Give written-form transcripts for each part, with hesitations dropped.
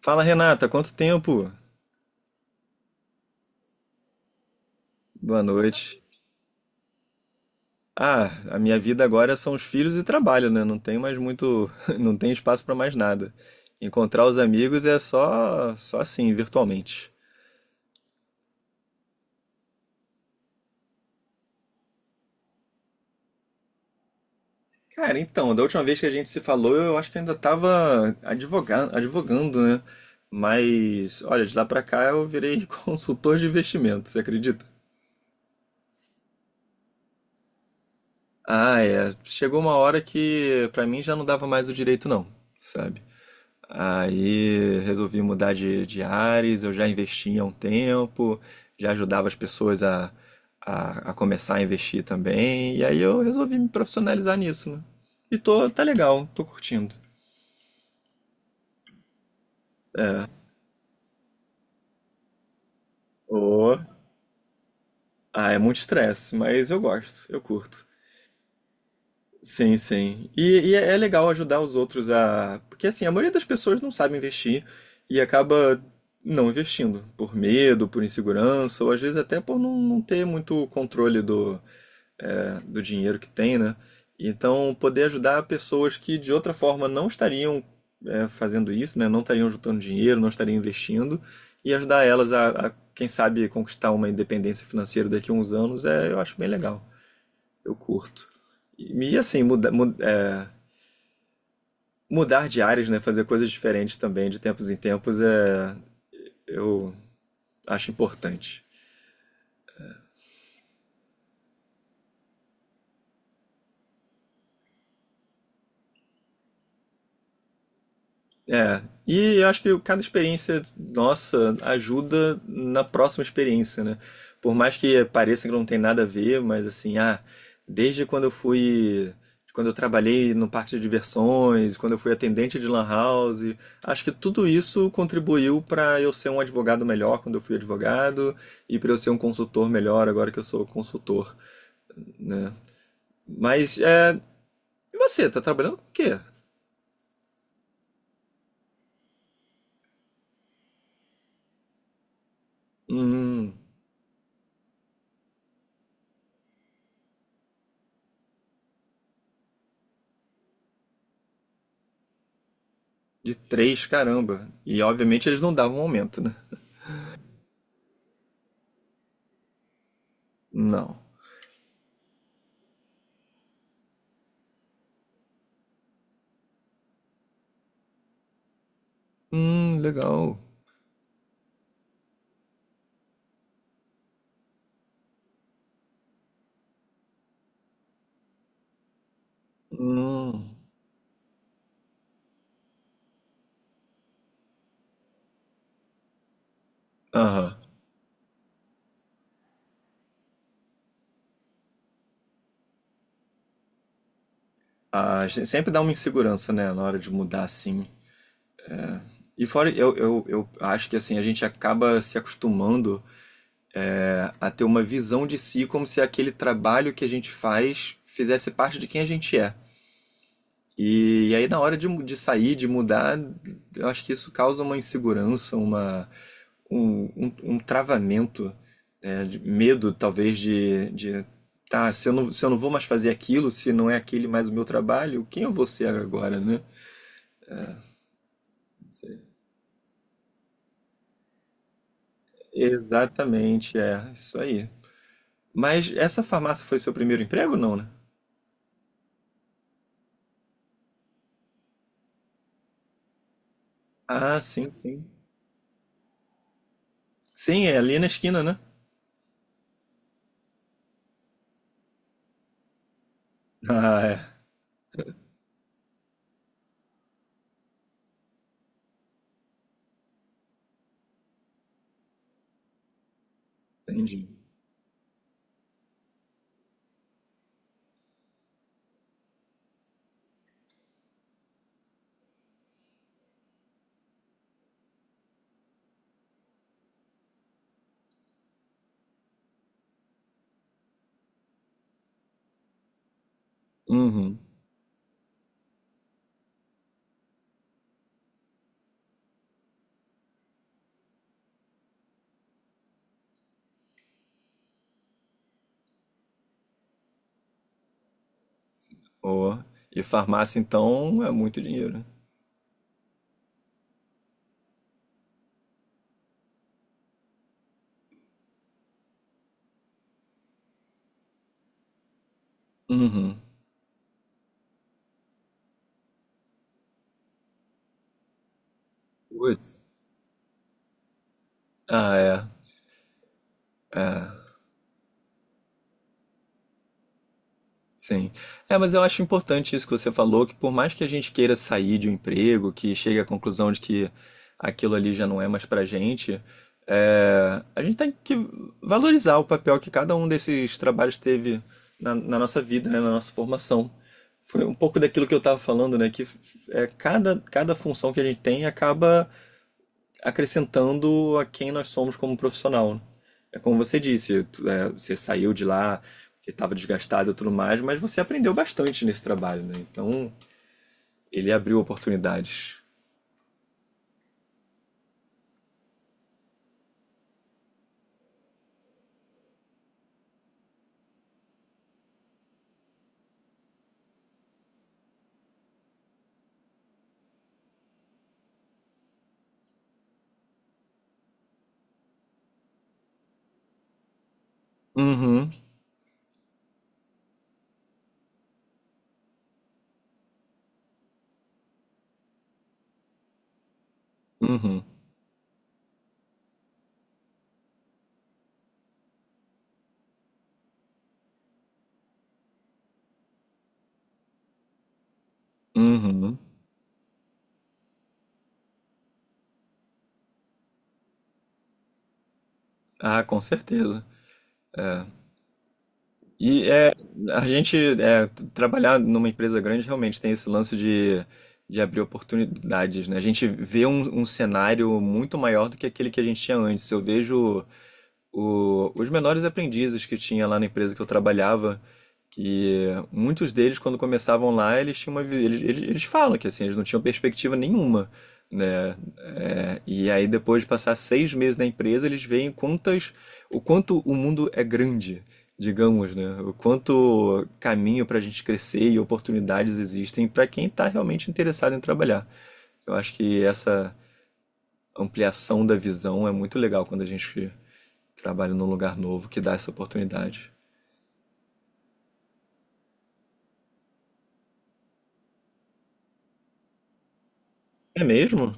Fala Renata, quanto tempo? Boa noite. Ah, a minha vida agora são os filhos e trabalho, né? Não tem mais muito, não tem espaço pra mais nada. Encontrar os amigos é só assim, virtualmente. Cara, então, da última vez que a gente se falou, eu acho que ainda tava advogando, né? Mas, olha, de lá pra cá eu virei consultor de investimento, você acredita? Ah, é. Chegou uma hora que pra mim já não dava mais o direito, não, sabe? Aí resolvi mudar de áreas, eu já investia há um tempo, já ajudava as pessoas a, a começar a investir também, e aí eu resolvi me profissionalizar nisso, né? E tá legal, tô curtindo. Ô, ah, é muito estresse, mas eu gosto, eu curto. Sim, sim. É legal ajudar os outros a. Porque assim, a maioria das pessoas não sabe investir e acaba não investindo, por medo, por insegurança, ou às vezes até por não ter muito controle do dinheiro que tem, né? Então, poder ajudar pessoas que de outra forma não estariam fazendo isso, né? Não estariam juntando dinheiro, não estariam investindo, e ajudar elas a, quem sabe, conquistar uma independência financeira daqui a uns anos, eu acho bem legal. Eu curto. E assim, mudar de áreas, né? Fazer coisas diferentes também, de tempos em tempos, eu acho importante. É, e eu acho que cada experiência nossa ajuda na próxima experiência, né? Por mais que pareça que não tem nada a ver, mas assim, desde quando eu fui, quando eu trabalhei no parque de diversões, quando eu fui atendente de lan house, acho que tudo isso contribuiu para eu ser um advogado melhor quando eu fui advogado e para eu ser um consultor melhor agora que eu sou consultor, né? Mas é, e você, tá trabalhando com o quê? Hum. De três, caramba. E obviamente eles não davam aumento, né? Não. Legal. Hum. Aham. Ah, sempre dá uma insegurança, né, na hora de mudar assim. E fora, eu acho que assim, a gente acaba se acostumando a ter uma visão de si como se aquele trabalho que a gente faz fizesse parte de quem a gente é. E, aí na hora de, de sair, de mudar, eu acho que isso causa uma insegurança, uma, um travamento, né, de medo talvez de tá, se eu não, se eu não vou mais fazer aquilo, se não é aquele mais o meu trabalho, quem eu vou ser agora, né? Exatamente, é, isso aí. Mas essa farmácia foi seu primeiro emprego, não, né? Ah, sim, sim. Sim, é ali na esquina, né? Ah, é. Entendi. Uhum. Oh, e farmácia, então, é muito dinheiro, né? Uhum. Putz. Ah, é. É. Sim. É, mas eu acho importante isso que você falou, que por mais que a gente queira sair de um emprego, que chegue à conclusão de que aquilo ali já não é mais pra gente, a gente tem que valorizar o papel que cada um desses trabalhos teve na nossa vida, né, na nossa formação. Foi um pouco daquilo que eu estava falando, né? Que cada função que a gente tem acaba acrescentando a quem nós somos como profissional, né? É como você disse, você saiu de lá porque estava desgastado e tudo mais, mas você aprendeu bastante nesse trabalho, né? Então, ele abriu oportunidades. Uhum, uhum, uhum. Ah, com certeza. E é, a gente é, trabalhar numa empresa grande realmente tem esse lance de abrir oportunidades, né? A gente vê um cenário muito maior do que aquele que a gente tinha antes. Eu vejo os menores aprendizes que tinha lá na empresa que eu trabalhava, que muitos deles, quando começavam lá, eles tinham uma, vi- eles falam que assim, eles não tinham perspectiva nenhuma, né? É, e aí depois de passar seis meses na empresa, eles veem o quanto o mundo é grande, digamos, né? O quanto caminho para a gente crescer e oportunidades existem para quem está realmente interessado em trabalhar. Eu acho que essa ampliação da visão é muito legal quando a gente trabalho num lugar novo que dá essa oportunidade. É mesmo?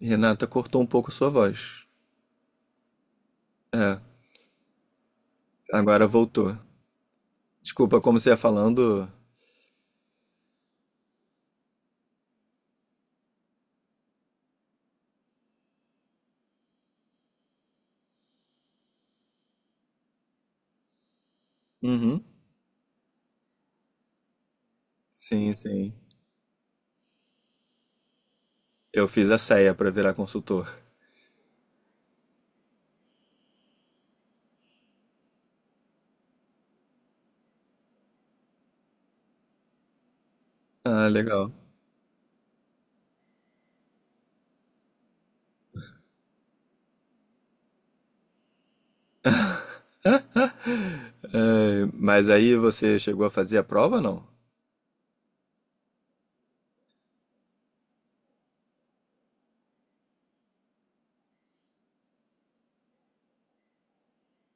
Renata cortou um pouco sua voz. É, agora voltou. Desculpa, como você ia falando. Uhum. Sim, sim. Eu fiz a ceia pra virar consultor. Ah, legal. É, mas aí você chegou a fazer a prova, não?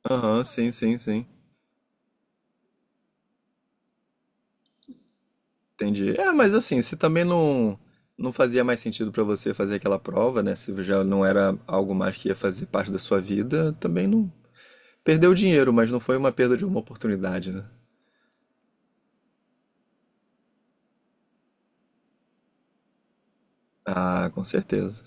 Aham, sim, sim, sim. Entendi. É, mas assim, se também não fazia mais sentido pra você fazer aquela prova, né? Se já não era algo mais que ia fazer parte da sua vida, também não. Perdeu dinheiro, mas não foi uma perda de uma oportunidade, né? Ah, com certeza.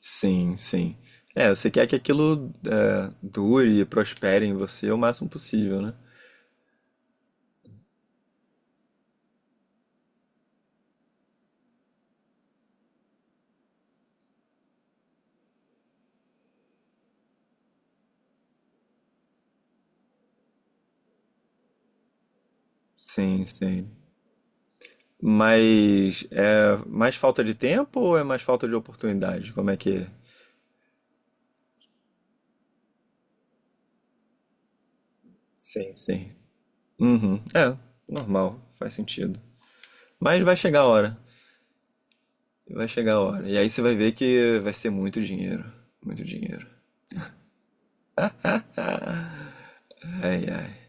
Sim, sim. É, você quer que aquilo dure e prospere em você o máximo possível, né? Sim, sim. Mas é mais falta de tempo ou é mais falta de oportunidade? Como é que é? Sim, sim. Uhum. Normal, faz sentido. Mas vai chegar a hora. Vai chegar a hora. E aí você vai ver que vai ser muito dinheiro. Muito dinheiro. Ai, ai.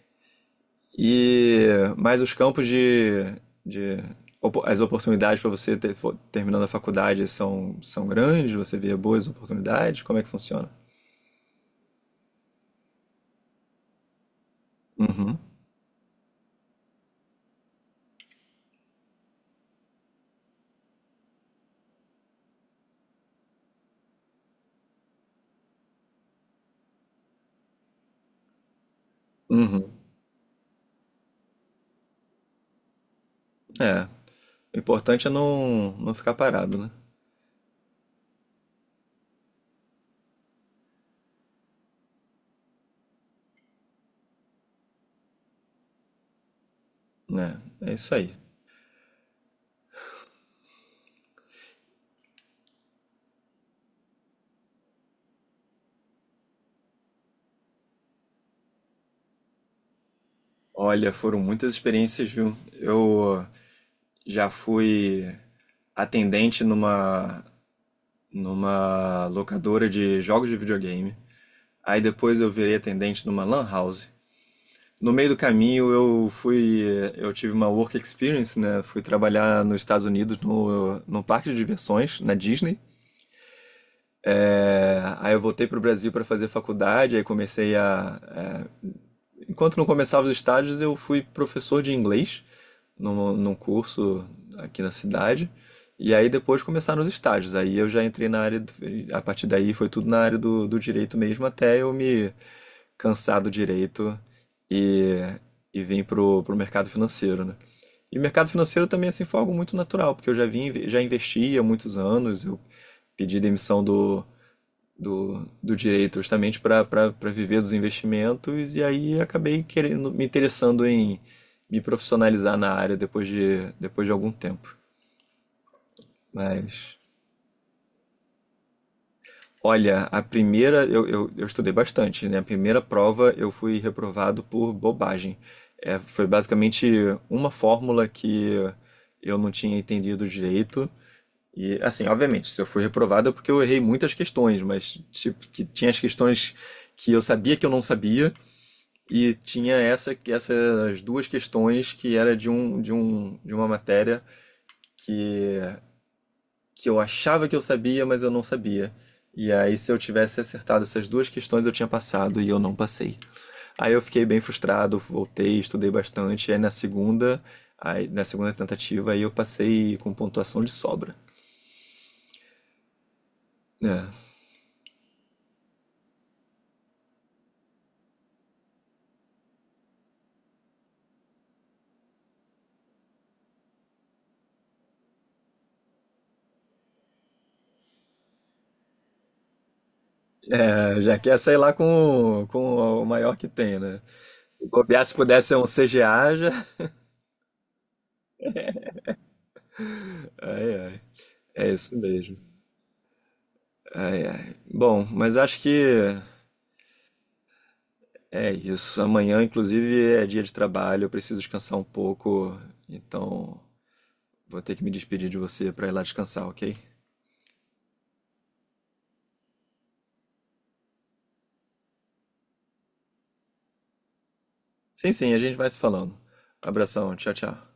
E mais os campos de as oportunidades para você ter, terminando a faculdade são, são grandes, você vê boas oportunidades, como é que funciona? Uhum. Uhum. É, o importante é não ficar parado, né? Né, é, isso aí. Olha, foram muitas experiências, viu? Eu já fui atendente numa locadora de jogos de videogame. Aí depois eu virei atendente numa lan house. No meio do caminho eu fui, eu tive uma work experience, né? Fui trabalhar nos Estados Unidos no, num parque de diversões na Disney. É, aí eu voltei para o Brasil para fazer faculdade, aí comecei a, é, enquanto não começava os estágios eu fui professor de inglês num curso aqui na cidade. E aí depois começaram os estágios. Aí eu já entrei na área, do, a partir daí foi tudo na área do, do direito mesmo, até eu me cansado direito e, e vim pro, pro mercado financeiro, né? E o mercado financeiro também assim foi algo muito natural, porque eu já vim, já investi há muitos anos, eu pedi demissão do direito justamente para viver dos investimentos e aí acabei querendo me interessando em me profissionalizar na área depois de algum tempo. Mas olha, a primeira eu estudei bastante, né? A primeira prova eu fui reprovado por bobagem. É, foi basicamente uma fórmula que eu não tinha entendido direito. E assim, obviamente, se eu fui reprovado é porque eu errei muitas questões, mas tipo, que tinha as questões que eu sabia que eu não sabia e tinha essas duas questões que era de uma matéria que eu achava que eu sabia, mas eu não sabia. E aí, se eu tivesse acertado essas duas questões, eu tinha passado e eu não passei. Aí eu fiquei bem frustrado, voltei, estudei bastante. Aí na segunda tentativa, aí eu passei com pontuação de sobra. É, é, já quer sair lá com o maior que tem, né? Se bobear, se pudesse ser um CGA, já. Ai, ai. É isso mesmo. Ai, ai. Bom, mas acho que é isso. Amanhã, inclusive, é dia de trabalho, eu preciso descansar um pouco, então vou ter que me despedir de você para ir lá descansar, ok? Sim, sim, a gente vai se falando. Abração, tchau, tchau.